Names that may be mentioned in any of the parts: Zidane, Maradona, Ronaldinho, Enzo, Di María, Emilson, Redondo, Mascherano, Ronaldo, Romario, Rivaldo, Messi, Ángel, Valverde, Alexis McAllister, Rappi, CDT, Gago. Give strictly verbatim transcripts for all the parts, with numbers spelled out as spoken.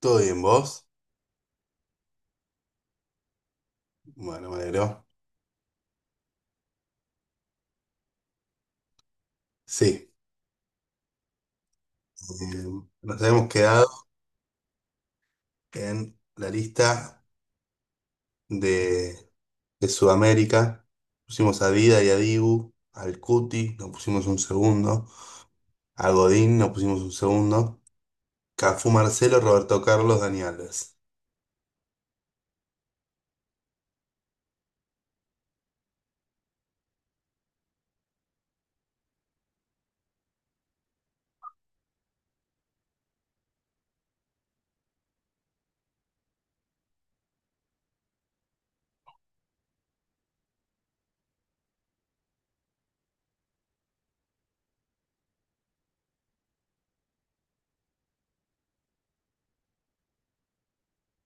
¿Todo bien vos? Bueno, me alegro. Sí, eh, nos hemos quedado en la lista de, de Sudamérica. Pusimos a Dida y a Dibu, al Cuti, nos pusimos un segundo, a Godín, nos pusimos un segundo, Cafú Marcelo, Roberto Carlos, Dani Alves.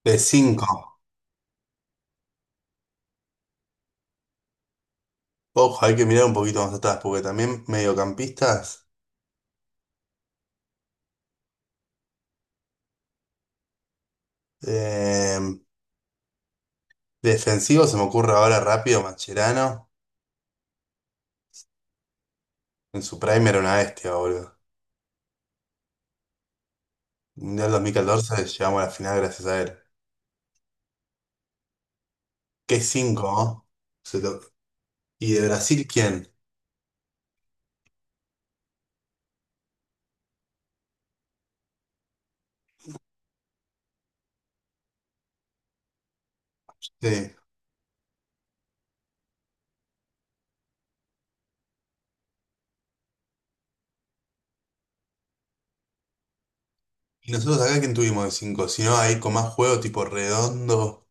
De cinco, ojo, hay que mirar un poquito más atrás, porque también mediocampistas, eh, defensivos, se me ocurre ahora rápido, Mascherano, en su prime era una bestia, boludo. Mundial dos mil catorce llegamos a la final gracias a él. Qué cinco, ¿no? Se lo- ¿Y de Brasil quién? Sí. ¿Y nosotros acá quién tuvimos de cinco? Si no, ahí con más juego tipo redondo.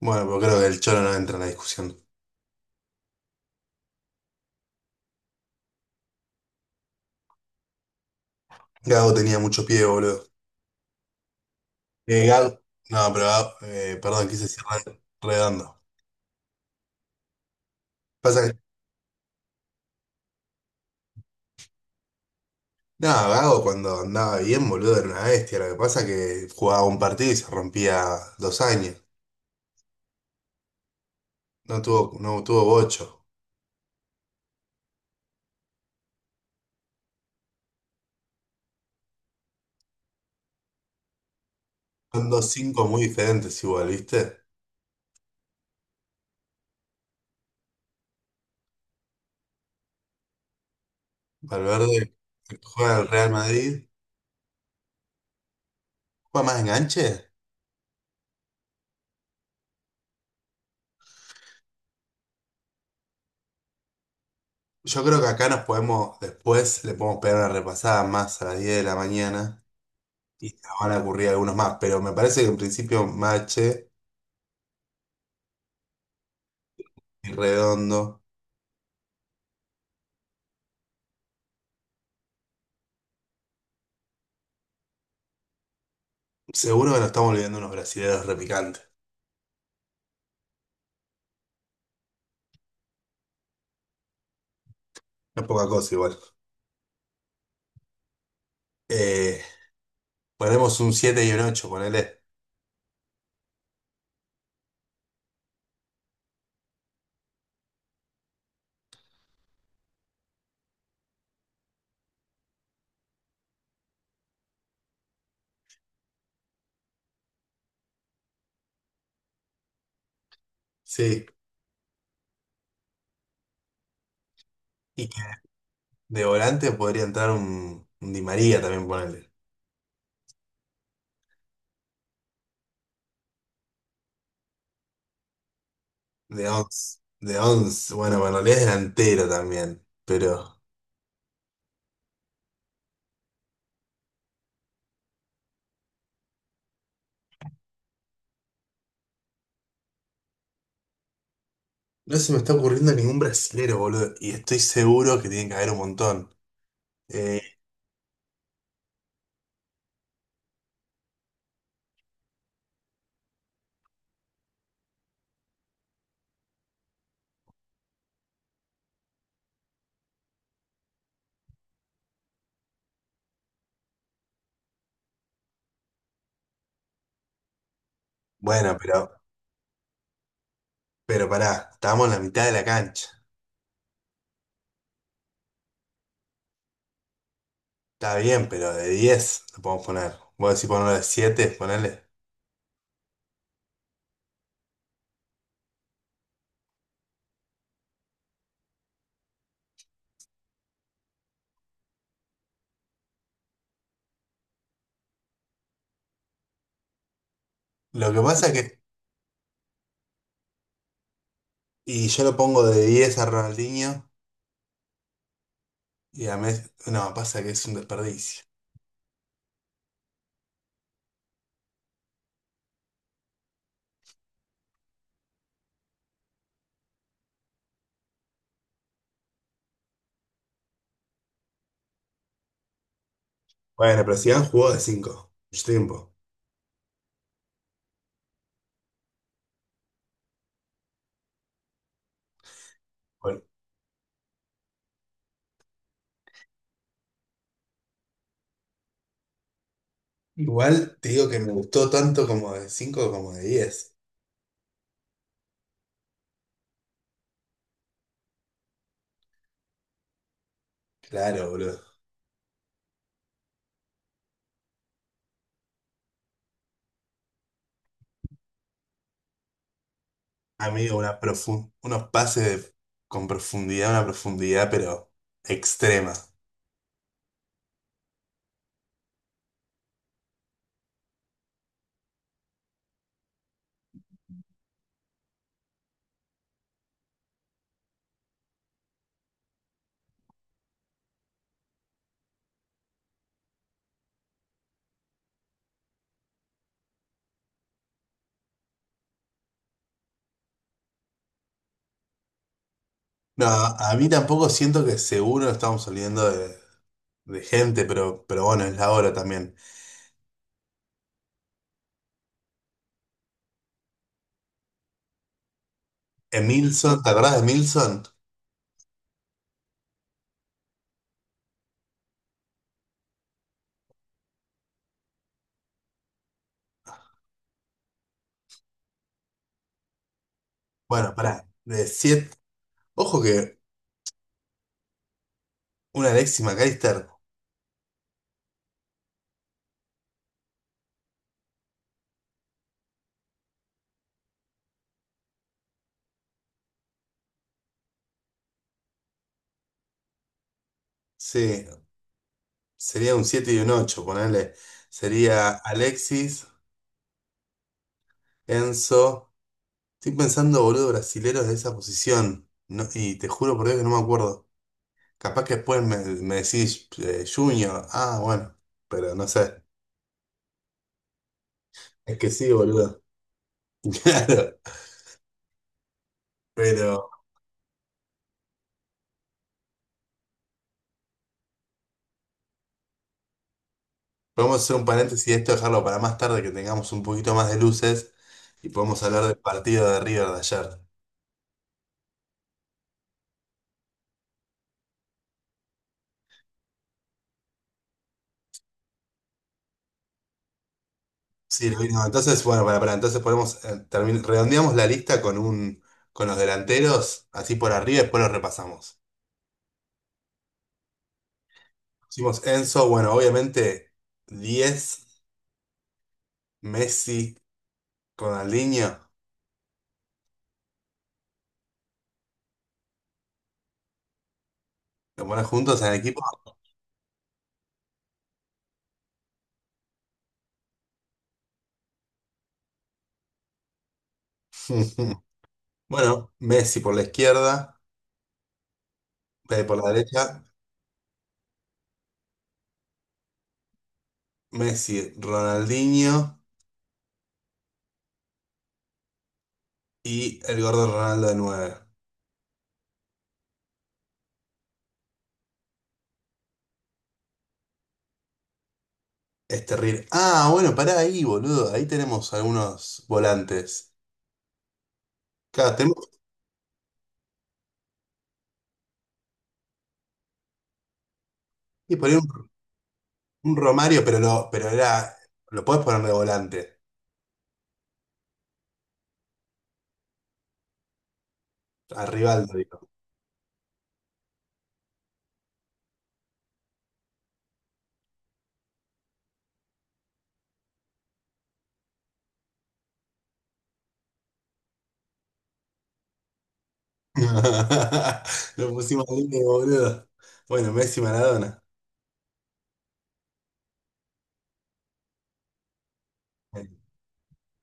Bueno, pero creo que el Cholo no entra en la discusión. Gago tenía mucho pie, boludo. Eh, Gago. No, pero Gago, eh, perdón, quise decir re- redondo. Pasa que. No, Gago cuando andaba bien, boludo, era una bestia. Lo que pasa que jugaba un partido y se rompía dos años. No tuvo, no tuvo bocho. Son dos cinco muy diferentes igual, ¿viste? Valverde juega en el Real Madrid, juega más enganche. Yo creo que acá nos podemos, después le podemos pegar una repasada más a las diez de la mañana y nos van a ocurrir algunos más, pero me parece que en principio Mache y Redondo, seguro que nos estamos olvidando unos brasileños repicantes. No es poca cosa igual. Eh, ponemos un siete y un ocho, ponele. Sí. Y que de volante podría entrar un, un Di María también, ponele. De once, De once. Bueno, en realidad es delantero también, pero. No se me está ocurriendo ningún brasilero, boludo. Y estoy seguro que tiene que haber un montón. Eh, bueno, pero, pero pará, estamos en la mitad de la cancha. Está bien, pero de diez lo podemos poner. Vos decís ponerlo de siete ponele. Lo que pasa es que. Y yo lo pongo de diez a Ronaldinho y a Messi. No, pasa que es un desperdicio. Bueno, pero Zidane jugó de cinco mucho tiempo. Bueno, igual te digo que me gustó tanto como de cinco como de diez. Claro, boludo. Amigo, una profu- unos pases de- con profundidad, una profundidad, pero extrema. No, a mí tampoco siento que seguro estamos saliendo de, de gente, pero, pero bueno, es la hora también. Emilson, ¿te acordás de Emilson? Bueno, pará, de siete. Ojo que un Alexis McAllister, sí, sería un siete y un ocho ponele. Sería Alexis, Enzo. Estoy pensando, boludo, brasileros de esa posición. No, y te juro por Dios que no me acuerdo. Capaz que después me, me decís eh, Junior, ah, bueno, pero no sé. Es que sí, boludo. Claro, pero podemos hacer un paréntesis de esto, dejarlo para más tarde, que tengamos un poquito más de luces y podemos hablar del partido de River de ayer. Sí, lo mismo. Entonces, bueno, para, para, entonces podemos eh, termin- redondeamos la lista con un, con los delanteros, así por arriba, y después los repasamos. Hicimos Enzo, bueno, obviamente diez: Messi, Ronaldinho, lo pones juntos en el equipo. Bueno, Messi por la izquierda, eh, por la derecha, Messi, Ronaldinho y el gordo Ronaldo de nueve. Es terrible. Ah, bueno, pará ahí, boludo. Ahí tenemos algunos volantes. Claro, tenemos que poner un, un Romario, pero lo, pero era, lo podés poner de volante. A Rivaldo, digo. Lo pusimos ahí, boludo. Bueno, Messi Maradona.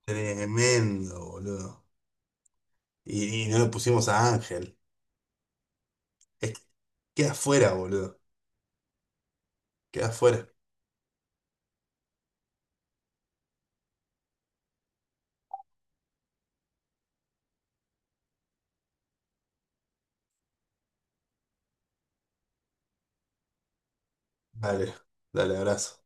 Tremendo, boludo. Y, y no lo pusimos a Ángel. Es que queda afuera, boludo. Queda afuera. Dale, dale, abrazo.